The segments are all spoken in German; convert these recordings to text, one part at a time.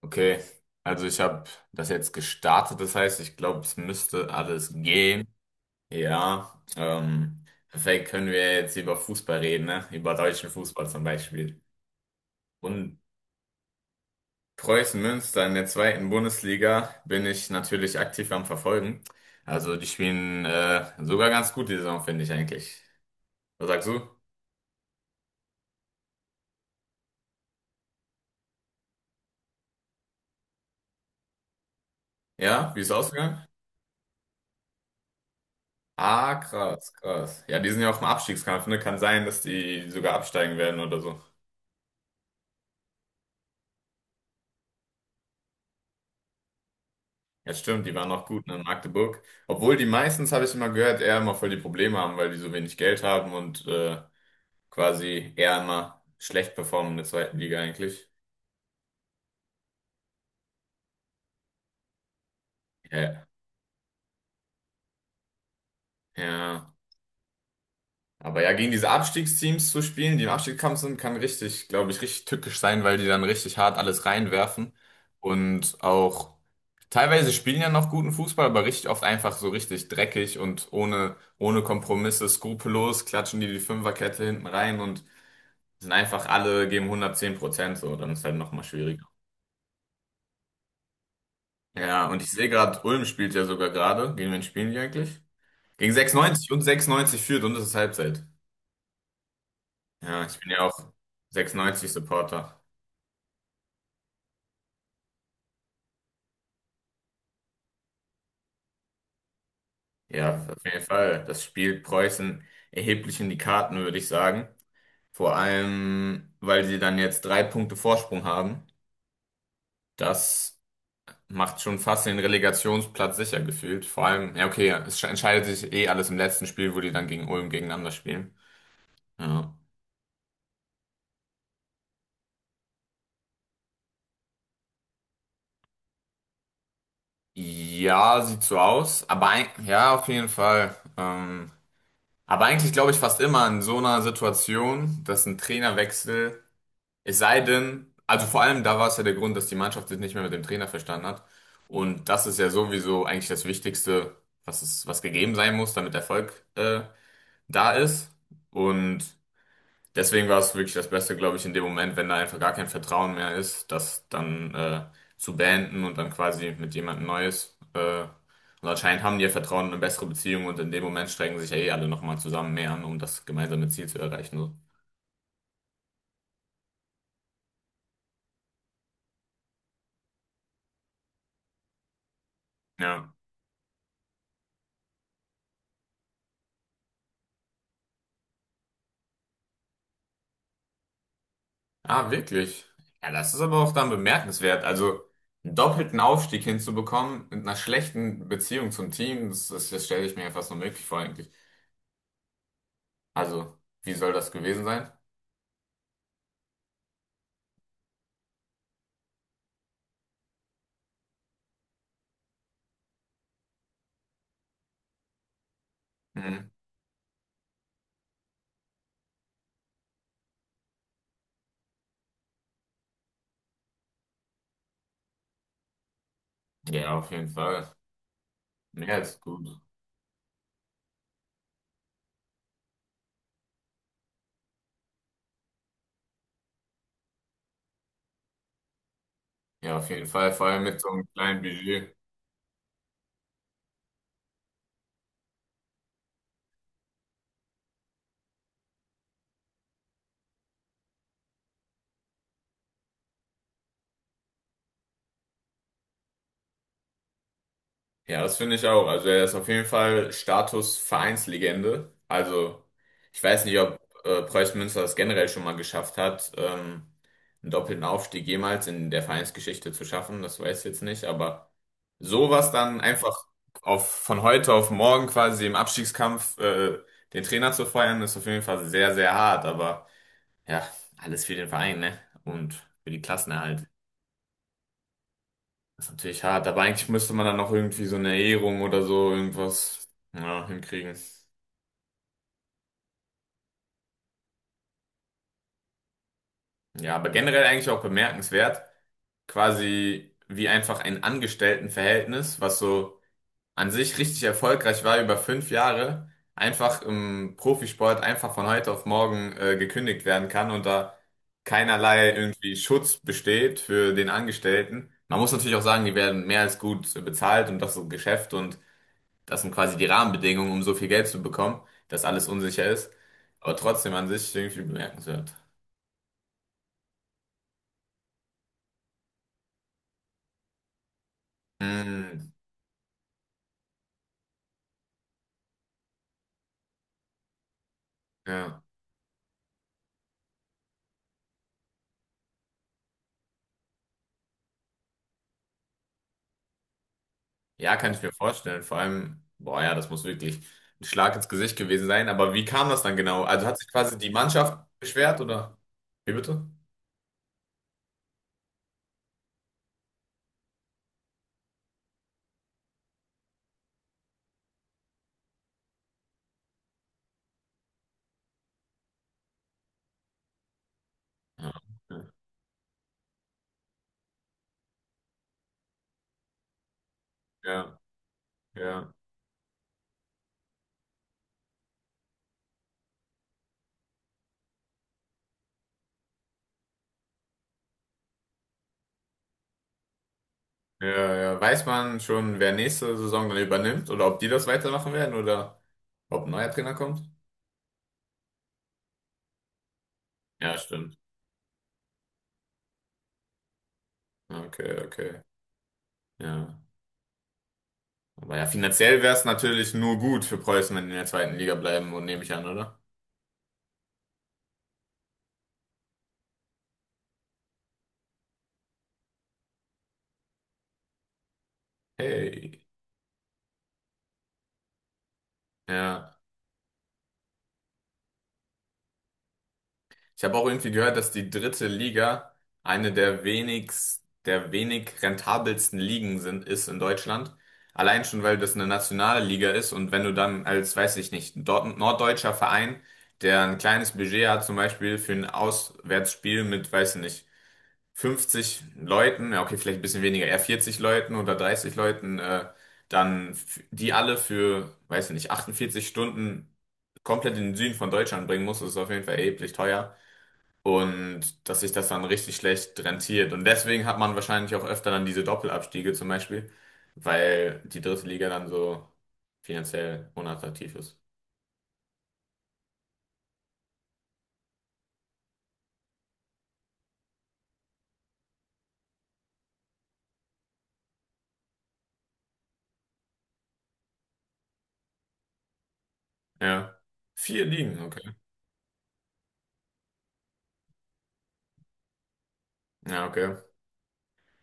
Okay, also ich habe das jetzt gestartet, das heißt, ich glaube, es müsste alles gehen. Ja, perfekt, können wir jetzt über Fußball reden, ne? Über deutschen Fußball zum Beispiel. Und Preußen Münster in der zweiten Bundesliga bin ich natürlich aktiv am Verfolgen. Also die spielen sogar ganz gut die Saison, finde ich eigentlich. Was sagst du? Ja, wie ist es ausgegangen? Ah, krass, krass. Ja, die sind ja auch im Abstiegskampf, ne? Kann sein, dass die sogar absteigen werden oder so. Ja, stimmt, die waren noch gut, ne, in Magdeburg. Obwohl die meistens, habe ich immer gehört, eher immer voll die Probleme haben, weil die so wenig Geld haben und quasi eher immer schlecht performen in der zweiten Liga eigentlich. Ja, ja. Aber ja, gegen diese Abstiegsteams zu spielen, die im Abstiegskampf sind, kann richtig, glaube ich, richtig tückisch sein, weil die dann richtig hart alles reinwerfen. Und auch teilweise spielen ja noch guten Fußball, aber richtig oft einfach so richtig dreckig und ohne Kompromisse, skrupellos, klatschen die Fünferkette hinten rein und sind einfach alle, geben 110% so, dann ist halt nochmal schwieriger. Ja, und ich sehe gerade, Ulm spielt ja sogar gerade. Gegen wen spielen die eigentlich? Gegen 96 und 96 führt und es ist Halbzeit. Ja, ich bin ja auch 96 Supporter. Ja, auf jeden Fall. Das spielt Preußen erheblich in die Karten, würde ich sagen. Vor allem, weil sie dann jetzt 3 Punkte Vorsprung haben. Das macht schon fast den Relegationsplatz sicher gefühlt. Vor allem, ja, okay, es entscheidet sich eh alles im letzten Spiel, wo die dann gegen Ulm gegeneinander spielen. Ja. Ja, sieht so aus. Aber ein, ja, auf jeden Fall. Aber eigentlich glaube ich fast immer in so einer Situation, dass ein Trainerwechsel, es sei denn, also vor allem da war es ja der Grund, dass die Mannschaft sich nicht mehr mit dem Trainer verstanden hat. Und das ist ja sowieso eigentlich das Wichtigste, was gegeben sein muss, damit Erfolg da ist. Und deswegen war es wirklich das Beste, glaube ich, in dem Moment, wenn da einfach gar kein Vertrauen mehr ist, das dann zu beenden und dann quasi mit jemandem Neues. Und anscheinend haben die ja Vertrauen und eine bessere Beziehung und in dem Moment strengen sich ja eh alle nochmal zusammen mehr an, um das gemeinsame Ziel zu erreichen. So. Ja. Ah, wirklich. Ja, das ist aber auch dann bemerkenswert. Also einen doppelten Aufstieg hinzubekommen mit einer schlechten Beziehung zum Team, das stelle ich mir ja fast unmöglich vor eigentlich. Also, wie soll das gewesen sein? Mhm. Ja, auf jeden Fall. Ja, ist gut. Ja, auf jeden Fall, vor allem mit so einem kleinen Budget. Ja, das finde ich auch. Also er ist auf jeden Fall Status Vereinslegende. Also ich weiß nicht, ob Preußen Münster das generell schon mal geschafft hat, einen doppelten Aufstieg jemals in der Vereinsgeschichte zu schaffen. Das weiß ich jetzt nicht, aber sowas dann einfach auf, von heute auf morgen quasi im Abstiegskampf den Trainer zu feuern, ist auf jeden Fall sehr, sehr hart. Aber ja, alles für den Verein, ne? Und für die Klassenerhalt. Das ist natürlich hart, aber eigentlich müsste man dann noch irgendwie so eine Ehrung oder so irgendwas ja, hinkriegen. Ja, aber generell eigentlich auch bemerkenswert, quasi wie einfach ein Angestelltenverhältnis, was so an sich richtig erfolgreich war über 5 Jahre, einfach im Profisport einfach von heute auf morgen gekündigt werden kann und da keinerlei irgendwie Schutz besteht für den Angestellten. Man muss natürlich auch sagen, die werden mehr als gut bezahlt und das ist ein Geschäft und das sind quasi die Rahmenbedingungen, um so viel Geld zu bekommen, dass alles unsicher ist. Aber trotzdem an sich irgendwie bemerkenswert. Hm, ja. Ja, kann ich mir vorstellen. Vor allem, boah, ja, das muss wirklich ein Schlag ins Gesicht gewesen sein. Aber wie kam das dann genau? Also hat sich quasi die Mannschaft beschwert oder? Wie bitte? Ja, ja, ja, ja. Ja. Weiß man schon, wer nächste Saison dann übernimmt oder ob die das weitermachen werden oder ob ein neuer Trainer kommt? Ja, stimmt. Okay, okay. Ja. Aber ja, finanziell wäre es natürlich nur gut für Preußen, wenn die in der zweiten Liga bleiben und nehme ich an, oder? Hey. Ja. Ich habe auch irgendwie gehört, dass die dritte Liga der wenig rentabelsten Ligen sind, ist in Deutschland. Allein schon, weil das eine nationale Liga ist und wenn du dann als, weiß ich nicht, dort, norddeutscher Verein, der ein kleines Budget hat, zum Beispiel für ein Auswärtsspiel mit, weiß ich nicht, 50 Leuten, ja okay, vielleicht ein bisschen weniger, eher 40 Leuten oder 30 Leuten, dann die alle für, weiß nicht, 48 Stunden komplett in den Süden von Deutschland bringen muss, ist auf jeden Fall erheblich teuer. Und dass sich das dann richtig schlecht rentiert. Und deswegen hat man wahrscheinlich auch öfter dann diese Doppelabstiege zum Beispiel, weil die dritte Liga dann so finanziell unattraktiv ist. Ja. Vier Ligen, okay. Ja, okay.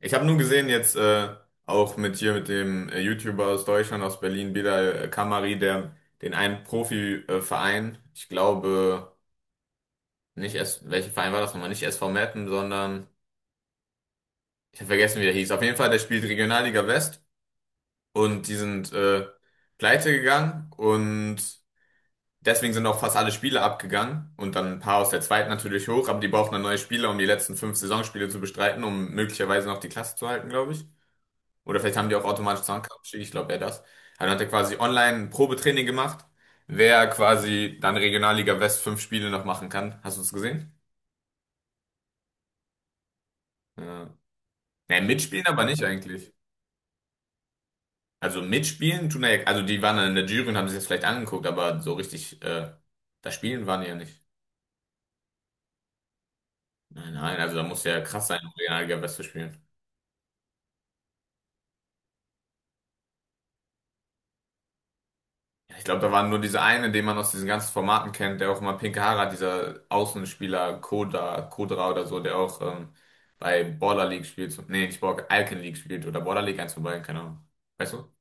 Ich habe nur gesehen jetzt auch mit hier mit dem YouTuber aus Deutschland, aus Berlin, Bilal Kamari, der den einen Profiverein, Verein, ich glaube nicht S, welcher Verein war das nochmal? Nicht SV Meppen, sondern ich habe vergessen, wie der hieß. Auf jeden Fall, der spielt Regionalliga West und die sind pleite gegangen und deswegen sind auch fast alle Spiele abgegangen und dann ein paar aus der zweiten natürlich hoch, aber die brauchen dann neue Spieler, um die letzten 5 Saisonspiele zu bestreiten, um möglicherweise noch die Klasse zu halten, glaube ich. Oder vielleicht haben die auch automatisch Zahnkartenstich, ich glaube eher das. Dann hat er quasi online ein Probetraining gemacht, wer quasi dann Regionalliga West 5 Spiele noch machen kann. Hast du es gesehen? Ja. Ja, mitspielen aber nicht eigentlich. Also mitspielen tun er ja, also die waren dann in der Jury und haben sich das vielleicht angeguckt, aber so richtig das Spielen waren die ja nicht. Nein, nein, also da muss ja krass sein, um Regionalliga West zu spielen. Ja, ich glaube, da war nur dieser eine, den man aus diesen ganzen Formaten kennt, der auch immer pinke Haare hat, dieser Außenspieler Koda, Kodra oder so, der auch bei Baller League spielt. So, nee, nicht Baller, Alken League spielt oder Baller League 1 vorbei, keine Ahnung. Weißt du?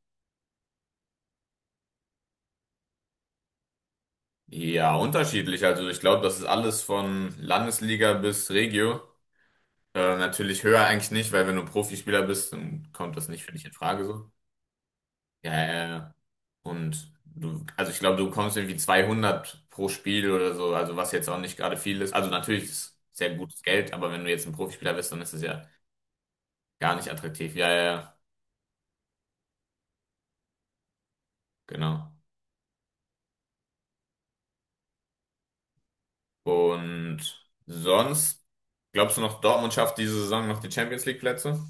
Ja, unterschiedlich. Also ich glaube, das ist alles von Landesliga bis Regio. Natürlich höher eigentlich nicht, weil wenn du Profispieler bist, dann kommt das nicht für dich in Frage so. Ja, ja, ja. Und du, also ich glaube, du bekommst irgendwie 200 pro Spiel oder so, also was jetzt auch nicht gerade viel ist. Also natürlich ist es sehr gutes Geld, aber wenn du jetzt ein Profispieler bist, dann ist es ja gar nicht attraktiv. Ja, ja, ja, genau. Und sonst, glaubst du noch, Dortmund schafft diese Saison noch die Champions League Plätze?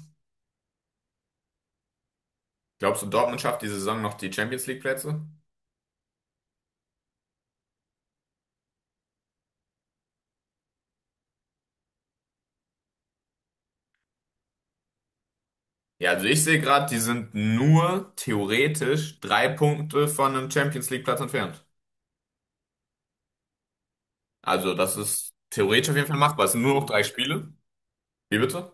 Glaubst du, Dortmund schafft diese Saison noch die Champions League Plätze? Ja, also ich sehe gerade, die sind nur theoretisch 3 Punkte von einem Champions League Platz entfernt. Also das ist theoretisch auf jeden Fall machbar. Es sind nur noch 3 Spiele. Wie bitte?